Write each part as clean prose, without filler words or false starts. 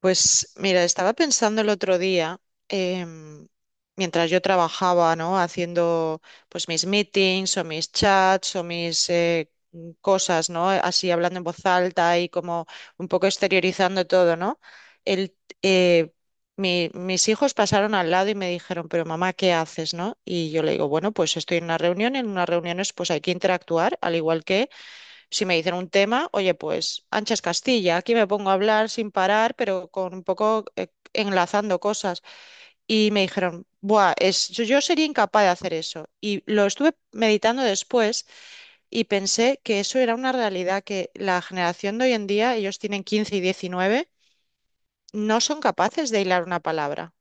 Pues mira, estaba pensando el otro día, em, mientras yo trabajaba, ¿no? Haciendo pues mis meetings o mis chats o mis cosas, ¿no? Así hablando en voz alta y como un poco exteriorizando todo, ¿no? El, eh, Mis hijos pasaron al lado y me dijeron, pero mamá, ¿qué haces, no? Y yo le digo, bueno, pues estoy en una reunión, en unas reuniones pues hay que interactuar, al igual que si me dicen un tema, oye, pues Anchas Castilla, aquí me pongo a hablar sin parar, pero con un poco enlazando cosas. Y me dijeron, Buah, es, yo sería incapaz de hacer eso. Y lo estuve meditando después y pensé que eso era una realidad que la generación de hoy en día, ellos tienen 15 y 19, no son capaces de hilar una palabra.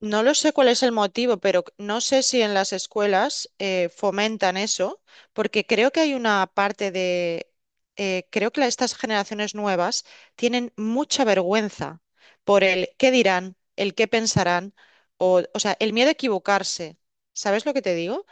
No lo sé cuál es el motivo, pero no sé si en las escuelas fomentan eso, porque creo que hay una parte de, creo que estas generaciones nuevas tienen mucha vergüenza por el qué dirán, el qué pensarán, o sea, el miedo a equivocarse. ¿Sabes lo que te digo?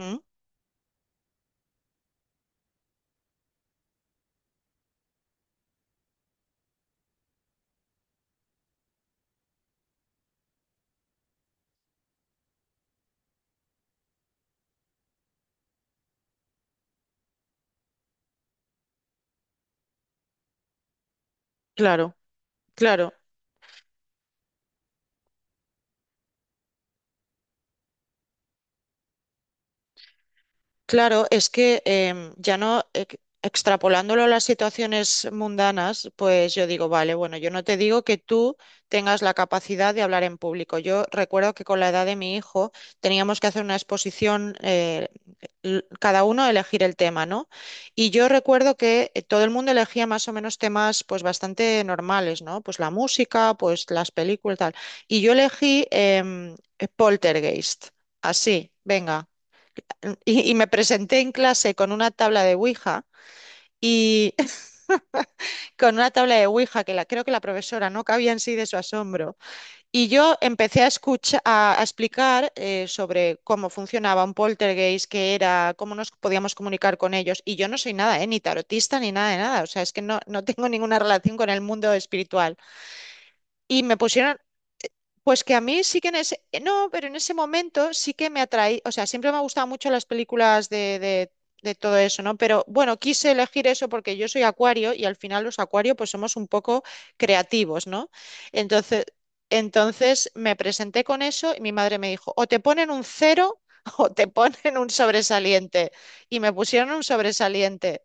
Mm. Claro, claro. Claro, es que ya no extrapolándolo a las situaciones mundanas, pues yo digo, vale, bueno, yo no te digo que tú tengas la capacidad de hablar en público. Yo recuerdo que con la edad de mi hijo teníamos que hacer una exposición, cada uno elegir el tema, ¿no? Y yo recuerdo que todo el mundo elegía más o menos temas pues bastante normales, ¿no? Pues la música, pues las películas, tal. Y yo elegí Poltergeist, así, venga. Y me presenté en clase con una tabla de Ouija y con una tabla de Ouija que la, creo que la profesora no cabía en sí de su asombro. Y yo empecé a escuchar, a explicar sobre cómo funcionaba un poltergeist, qué era, cómo nos podíamos comunicar con ellos. Y yo no soy nada, ni tarotista ni nada de nada. O sea, es que no, no tengo ninguna relación con el mundo espiritual. Y me pusieron. Pues que a mí sí que en ese, no, pero en ese momento sí que me atraí, o sea, siempre me han gustado mucho las películas de, de todo eso, ¿no? Pero bueno, quise elegir eso porque yo soy acuario y al final los acuarios pues somos un poco creativos, ¿no? Entonces, entonces me presenté con eso y mi madre me dijo, o te ponen un cero o te ponen un sobresaliente. Y me pusieron un sobresaliente.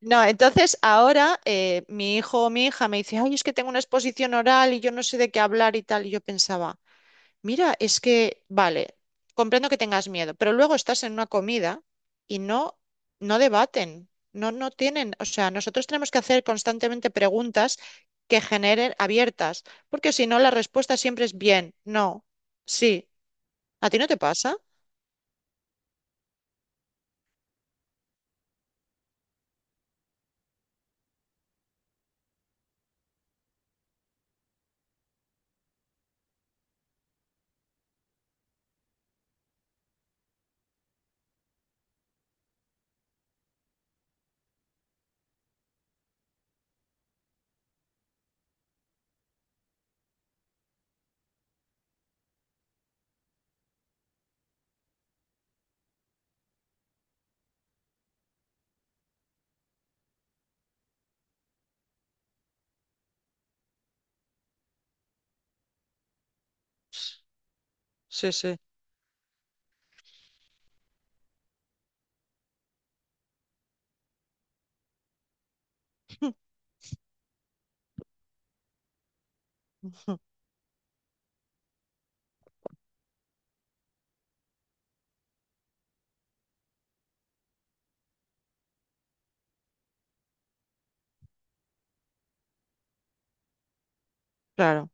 No, entonces ahora mi hijo o mi hija me dice, ay, es que tengo una exposición oral y yo no sé de qué hablar y tal. Y yo pensaba. Mira, es que, vale, comprendo que tengas miedo, pero luego estás en una comida y no, no debaten, no, no tienen, o sea, nosotros tenemos que hacer constantemente preguntas que generen abiertas, porque si no, la respuesta siempre es bien, no, sí. ¿A ti no te pasa? Sí, sí. Claro,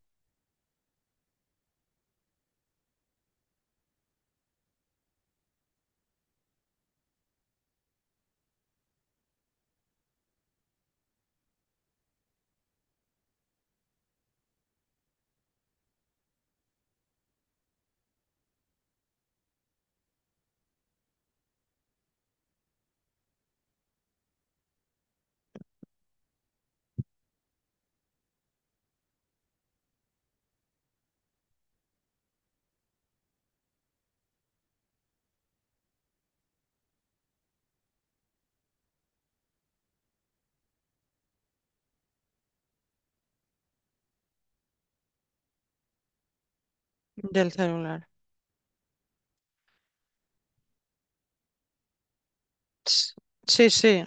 del celular. Ts-. Sí, sí.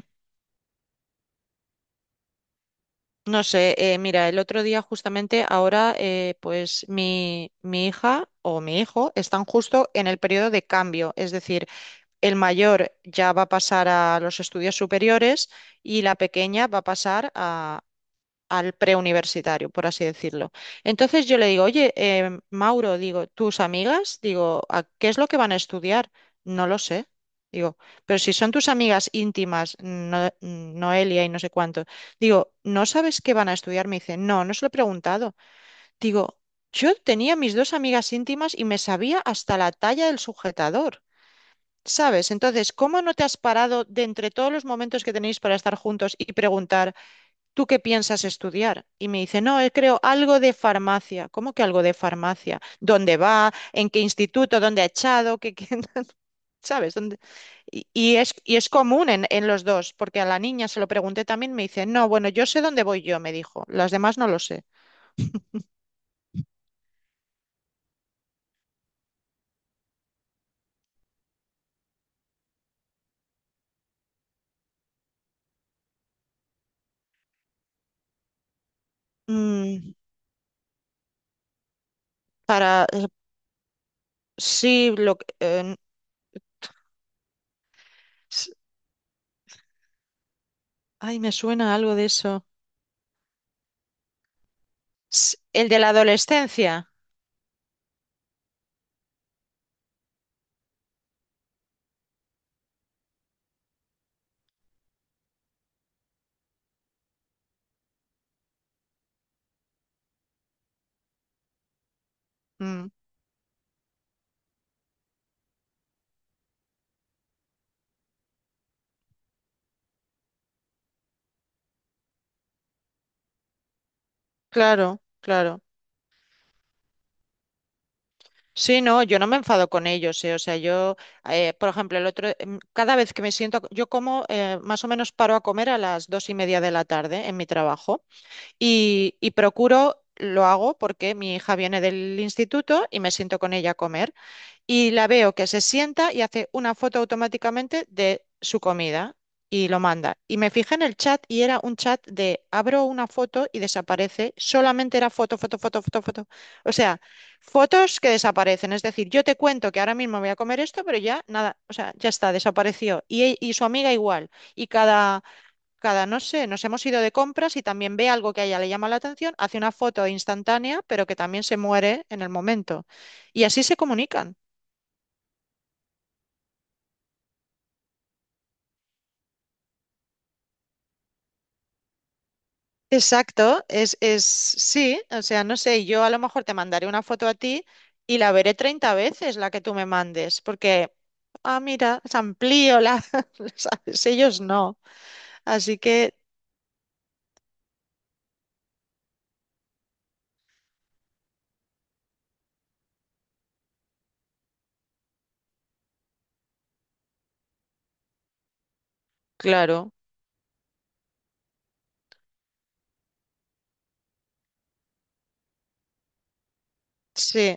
No sé, mira, el otro día justamente ahora, pues mi hija o mi hijo están justo en el periodo de cambio, es decir, el mayor ya va a pasar a los estudios superiores y la pequeña va a pasar al preuniversitario, por así decirlo. Entonces yo le digo, oye, Mauro, digo, tus amigas, digo, ¿a qué es lo que van a estudiar? No lo sé. Digo, pero si son tus amigas íntimas, Noelia y no sé cuánto, digo, ¿no sabes qué van a estudiar? Me dice, no, no se lo he preguntado. Digo, yo tenía mis dos amigas íntimas y me sabía hasta la talla del sujetador. ¿Sabes? Entonces, ¿cómo no te has parado de entre todos los momentos que tenéis para estar juntos y preguntar? ¿Tú qué piensas estudiar? Y me dice, no, creo algo de farmacia. ¿Cómo que algo de farmacia? ¿Dónde va? ¿En qué instituto? ¿Dónde ha echado? ¿Qué, qué- sabes ¿Dónde? Y es común en los dos, porque a la niña se lo pregunté también, me dice, no, bueno, yo sé dónde voy yo, me dijo, las demás no lo sé. Mm. para, eh, sí, lo, s- ay, me suena algo de eso. El de la adolescencia. Mm, claro, claro. Sí, no, yo no me enfado con ellos, o sea, yo, por ejemplo, el otro, cada vez que me siento, yo como, más o menos paro a comer a las dos y media de la tarde en mi trabajo y procuro, lo hago porque mi hija viene del instituto y me siento con ella a comer. Y la veo que se sienta y hace una foto automáticamente de su comida y lo manda. Y me fijé en el chat y era un chat de abro una foto y desaparece. Solamente era foto, foto, foto, foto, foto. O sea, fotos que desaparecen. Es decir, yo te cuento que ahora mismo voy a comer esto, pero ya nada, o sea, ya está, desapareció. Y, y su amiga igual. Y cada... Cada, no sé, nos hemos ido de compras y también ve algo que a ella le llama la atención, hace una foto instantánea, pero que también se muere en el momento. Y así se comunican. Exacto, es sí, o sea, no sé, yo a lo mejor te mandaré una foto a ti y la veré 30 veces la que tú me mandes, porque, ah, mira, se amplío la, ¿sabes? Ellos no. Así que, claro, sí,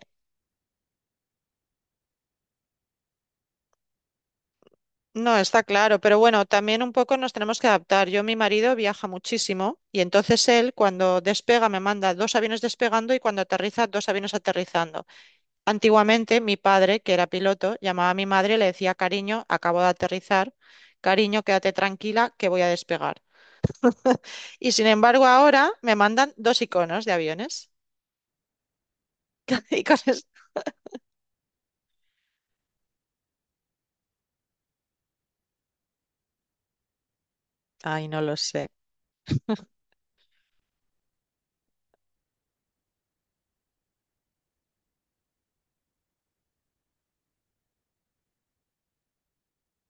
no, está claro, pero bueno, también un poco nos tenemos que adaptar. Yo, mi marido viaja muchísimo y entonces él cuando despega me manda dos aviones despegando y cuando aterriza dos aviones aterrizando. Antiguamente, mi padre, que era piloto, llamaba a mi madre y le decía, cariño, acabo de aterrizar, cariño, quédate tranquila, que voy a despegar. Y sin embargo, ahora me mandan dos iconos de aviones. Y con es- Ay, no lo sé,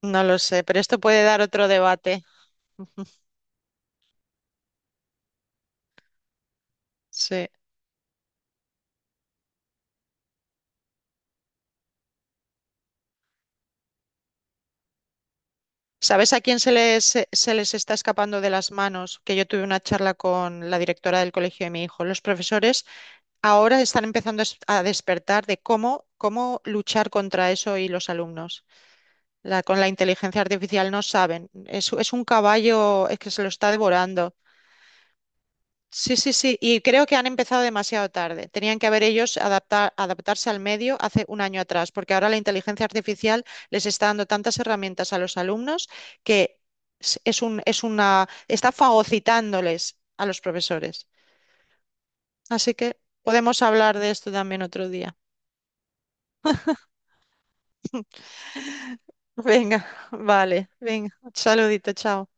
no lo sé, pero esto puede dar otro debate. Sí. ¿Sabes a quién se les, se les está escapando de las manos? Que yo tuve una charla con la directora del colegio de mi hijo. Los profesores ahora están empezando a a despertar de cómo, cómo luchar contra eso y los alumnos. La, con la inteligencia artificial no saben. Es un caballo, es que se lo está devorando. Sí, sí, sí. Y creo que han empezado demasiado tarde. Tenían que haber ellos adaptar, adaptarse al medio hace un año atrás, porque ahora la inteligencia artificial les está dando tantas herramientas a los alumnos que es un, es una, está fagocitándoles a los profesores. Así que podemos hablar de esto también otro día. Venga, vale, venga. Saludito, chao.